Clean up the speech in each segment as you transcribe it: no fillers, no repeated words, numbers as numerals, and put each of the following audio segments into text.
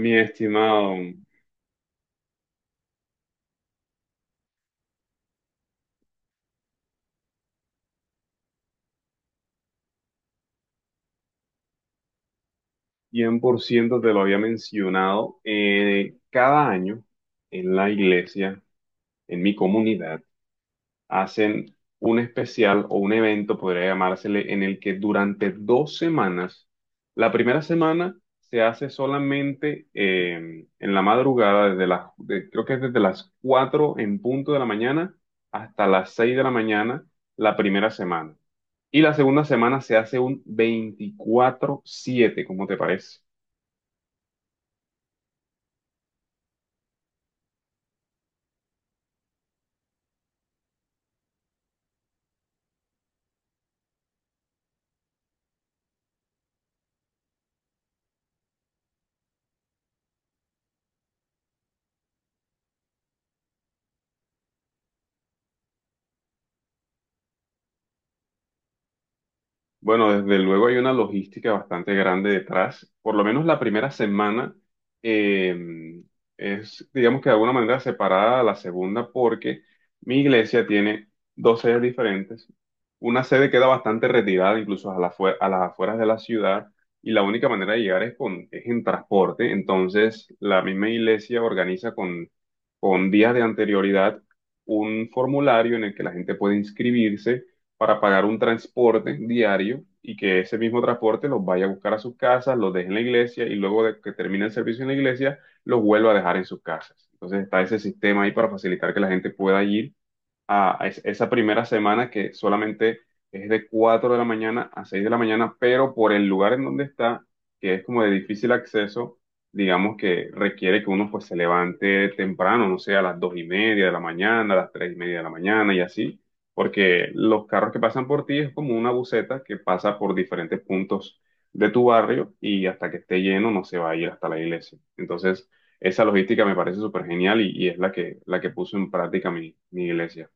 Mi estimado, 100% te lo había mencionado. Cada año en la iglesia, en mi comunidad, hacen un especial o un evento, podría llamársele, en el que durante 2 semanas, la primera semana se hace solamente en la madrugada, desde creo que es desde las 4 en punto de la mañana hasta las 6 de la mañana, la primera semana. Y la segunda semana se hace un 24/7, ¿cómo te parece? Bueno, desde luego hay una logística bastante grande detrás. Por lo menos la primera semana eh, es, digamos que de alguna manera separada a la segunda porque mi iglesia tiene dos sedes diferentes. Una sede queda bastante retirada, incluso a las afueras de la ciudad, y la única manera de llegar es en transporte. Entonces, la misma iglesia organiza con días de anterioridad un formulario en el que la gente puede inscribirse para pagar un transporte diario y que ese mismo transporte los vaya a buscar a sus casas, los deje en la iglesia y luego de que termine el servicio en la iglesia, los vuelva a dejar en sus casas. Entonces está ese sistema ahí para facilitar que la gente pueda ir a esa primera semana que solamente es de 4 de la mañana a 6 de la mañana, pero por el lugar en donde está, que es como de difícil acceso, digamos que requiere que uno pues se levante temprano, no sé, a las 2:30 de la mañana, a las 3:30 de la mañana y así, porque los carros que pasan por ti es como una buseta que pasa por diferentes puntos de tu barrio y hasta que esté lleno no se va a ir hasta la iglesia. Entonces, esa logística me parece súper genial y es la que puso en práctica mi iglesia.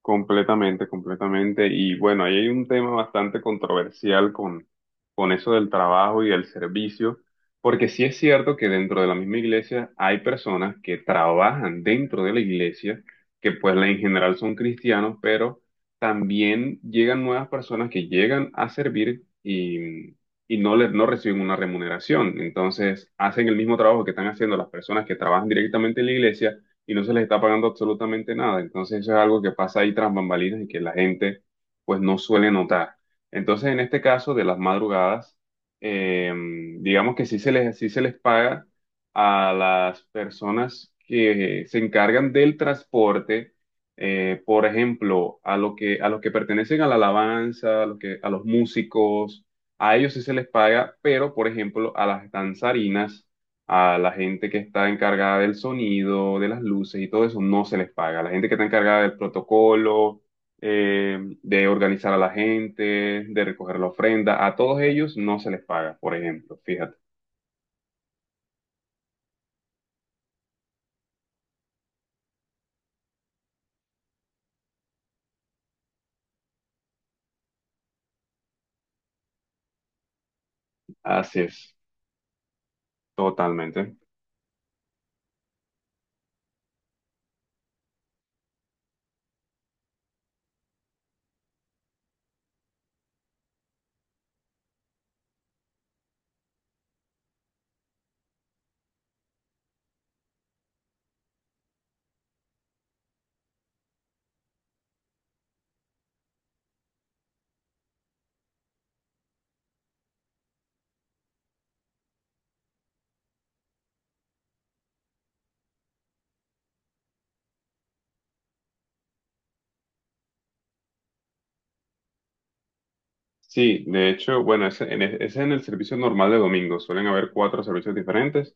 Completamente, completamente. Y bueno, ahí hay un tema bastante controversial con eso del trabajo y del servicio, porque sí es cierto que dentro de la misma iglesia hay personas que trabajan dentro de la iglesia, que pues en general son cristianos, pero también llegan nuevas personas que llegan a servir y no reciben una remuneración. Entonces, hacen el mismo trabajo que están haciendo las personas que trabajan directamente en la iglesia y no se les está pagando absolutamente nada. Entonces eso es algo que pasa ahí tras bambalinas y que la gente pues no suele notar. Entonces en este caso de las madrugadas, eh, digamos que sí se les paga a las personas que se encargan del transporte, por ejemplo, a los que pertenecen a la alabanza, a los músicos, a ellos sí se les paga, pero por ejemplo a las danzarinas a la gente que está encargada del sonido, de las luces y todo eso, no se les paga. La gente que está encargada del protocolo, de organizar a la gente, de recoger la ofrenda, a todos ellos no se les paga, por ejemplo, fíjate. Así es, totalmente. Sí, de hecho, bueno, ese en el servicio normal de domingo. Suelen haber cuatro servicios diferentes.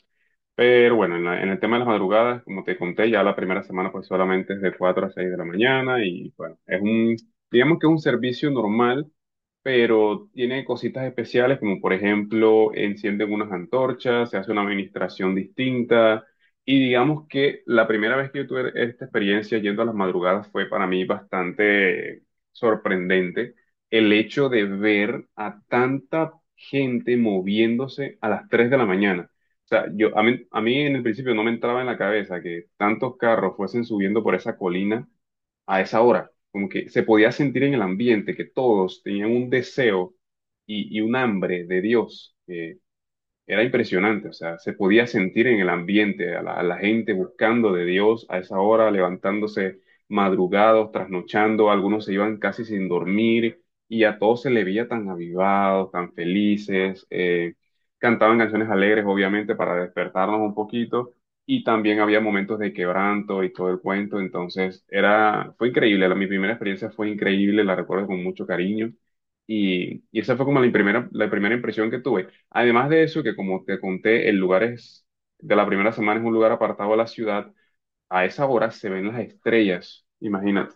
Pero bueno, en el tema de las madrugadas, como te conté, ya la primera semana pues solamente es de 4 a 6 de la mañana y bueno, digamos que es un servicio normal, pero tiene cositas especiales como por ejemplo encienden unas antorchas, se hace una administración distinta y digamos que la primera vez que yo tuve esta experiencia yendo a las madrugadas fue para mí bastante sorprendente el hecho de ver a tanta gente moviéndose a las 3 de la mañana. O sea, a mí en el principio no me entraba en la cabeza que tantos carros fuesen subiendo por esa colina a esa hora. Como que se podía sentir en el ambiente que todos tenían un deseo y un hambre de Dios que era impresionante. O sea, se podía sentir en el ambiente a a la gente buscando de Dios a esa hora, levantándose madrugados, trasnochando, algunos se iban casi sin dormir y a todos se le veía tan avivados, tan felices, cantaban canciones alegres, obviamente, para despertarnos un poquito y también había momentos de quebranto y todo el cuento. Entonces era, fue increíble. Mi primera experiencia fue increíble, la recuerdo con mucho cariño. Y esa fue como la primera impresión que tuve. Además de eso, que como te conté, el lugar es, de la primera semana es un lugar apartado de la ciudad. A esa hora se ven las estrellas, imagínate,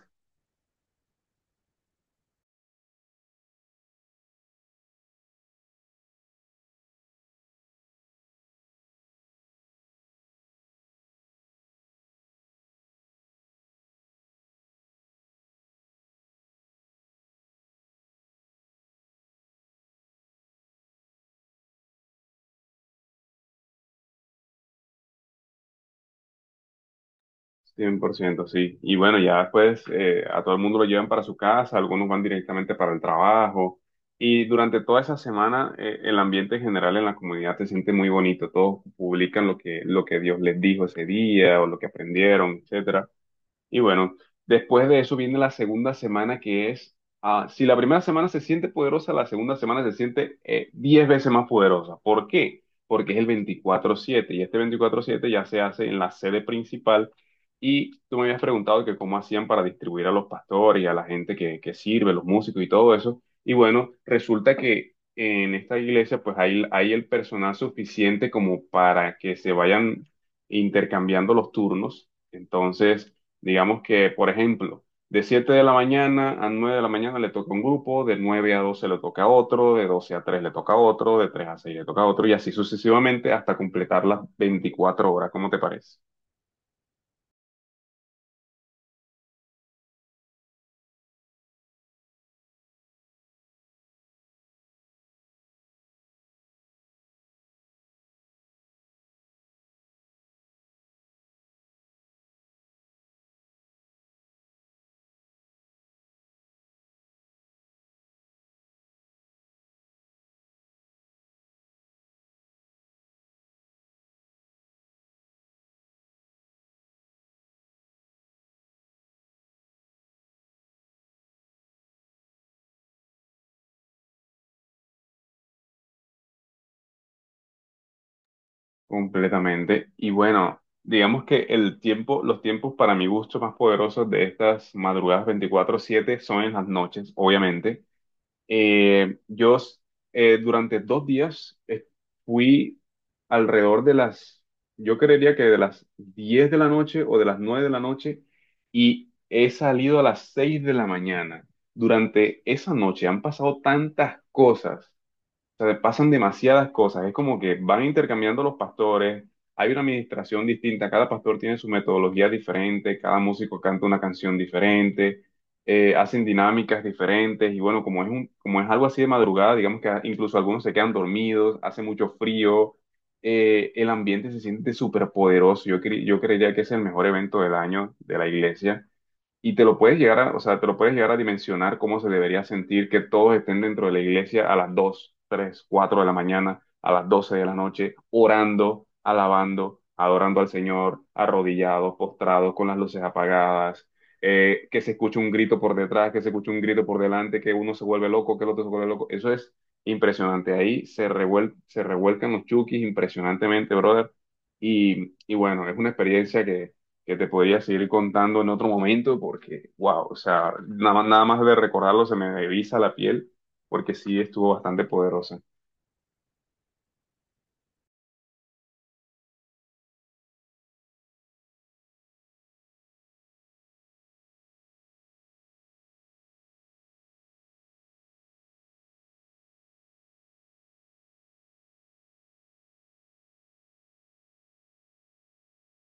100%, sí. Y bueno, ya después a todo el mundo lo llevan para su casa, algunos van directamente para el trabajo. Y durante toda esa semana, el ambiente en general en la comunidad se siente muy bonito. Todos publican lo que Dios les dijo ese día o lo que aprendieron, etcétera. Y bueno, después de eso viene la segunda semana que es, ah, si la primera semana se siente poderosa, la segunda semana se siente 10 veces más poderosa. ¿Por qué? Porque es el 24/7 y este 24/7 ya se hace en la sede principal y tú me habías preguntado que cómo hacían para distribuir a los pastores y a la gente que sirve, los músicos y todo eso. Y bueno, resulta que en esta iglesia pues hay el personal suficiente como para que se vayan intercambiando los turnos. Entonces... Digamos que, por ejemplo, de 7 de la mañana a 9 de la mañana le toca un grupo, de 9 a 12 le toca otro, de 12 a 3 le toca otro, de 3 a 6 le toca otro y así sucesivamente hasta completar las 24 horas, ¿cómo te parece? Completamente. Y bueno, digamos que el tiempo, los tiempos para mi gusto más poderosos de estas madrugadas 24/7 son en las noches, obviamente. Yo durante 2 días fui alrededor de yo creería que de las 10 de la noche o de las 9 de la noche y he salido a las 6 de la mañana. Durante esa noche han pasado tantas cosas sea, pasan demasiadas cosas. Es como que van intercambiando los pastores, hay una administración distinta, cada pastor tiene su metodología diferente, cada músico canta una canción diferente, hacen dinámicas diferentes y bueno, como es algo así de madrugada, digamos que incluso algunos se quedan dormidos, hace mucho frío, el ambiente se siente súper poderoso. Yo creería que es el mejor evento del año de la iglesia y te lo puedes llegar a, o sea, te lo puedes llegar a dimensionar cómo se debería sentir que todos estén dentro de la iglesia a las 2 3 4 de la mañana, a las 12 de la noche, orando, alabando, adorando al Señor, arrodillados, postrados, con las luces apagadas, que se escuche un grito por detrás, que se escuche un grito por delante, que uno se vuelve loco, que el otro se vuelve loco. Eso es impresionante. Ahí se revuelcan los chukis impresionantemente, brother. Y bueno, es una experiencia que te podría seguir contando en otro momento porque, wow, o sea, nada, nada más de recordarlo se me eriza la piel porque sí estuvo bastante poderosa.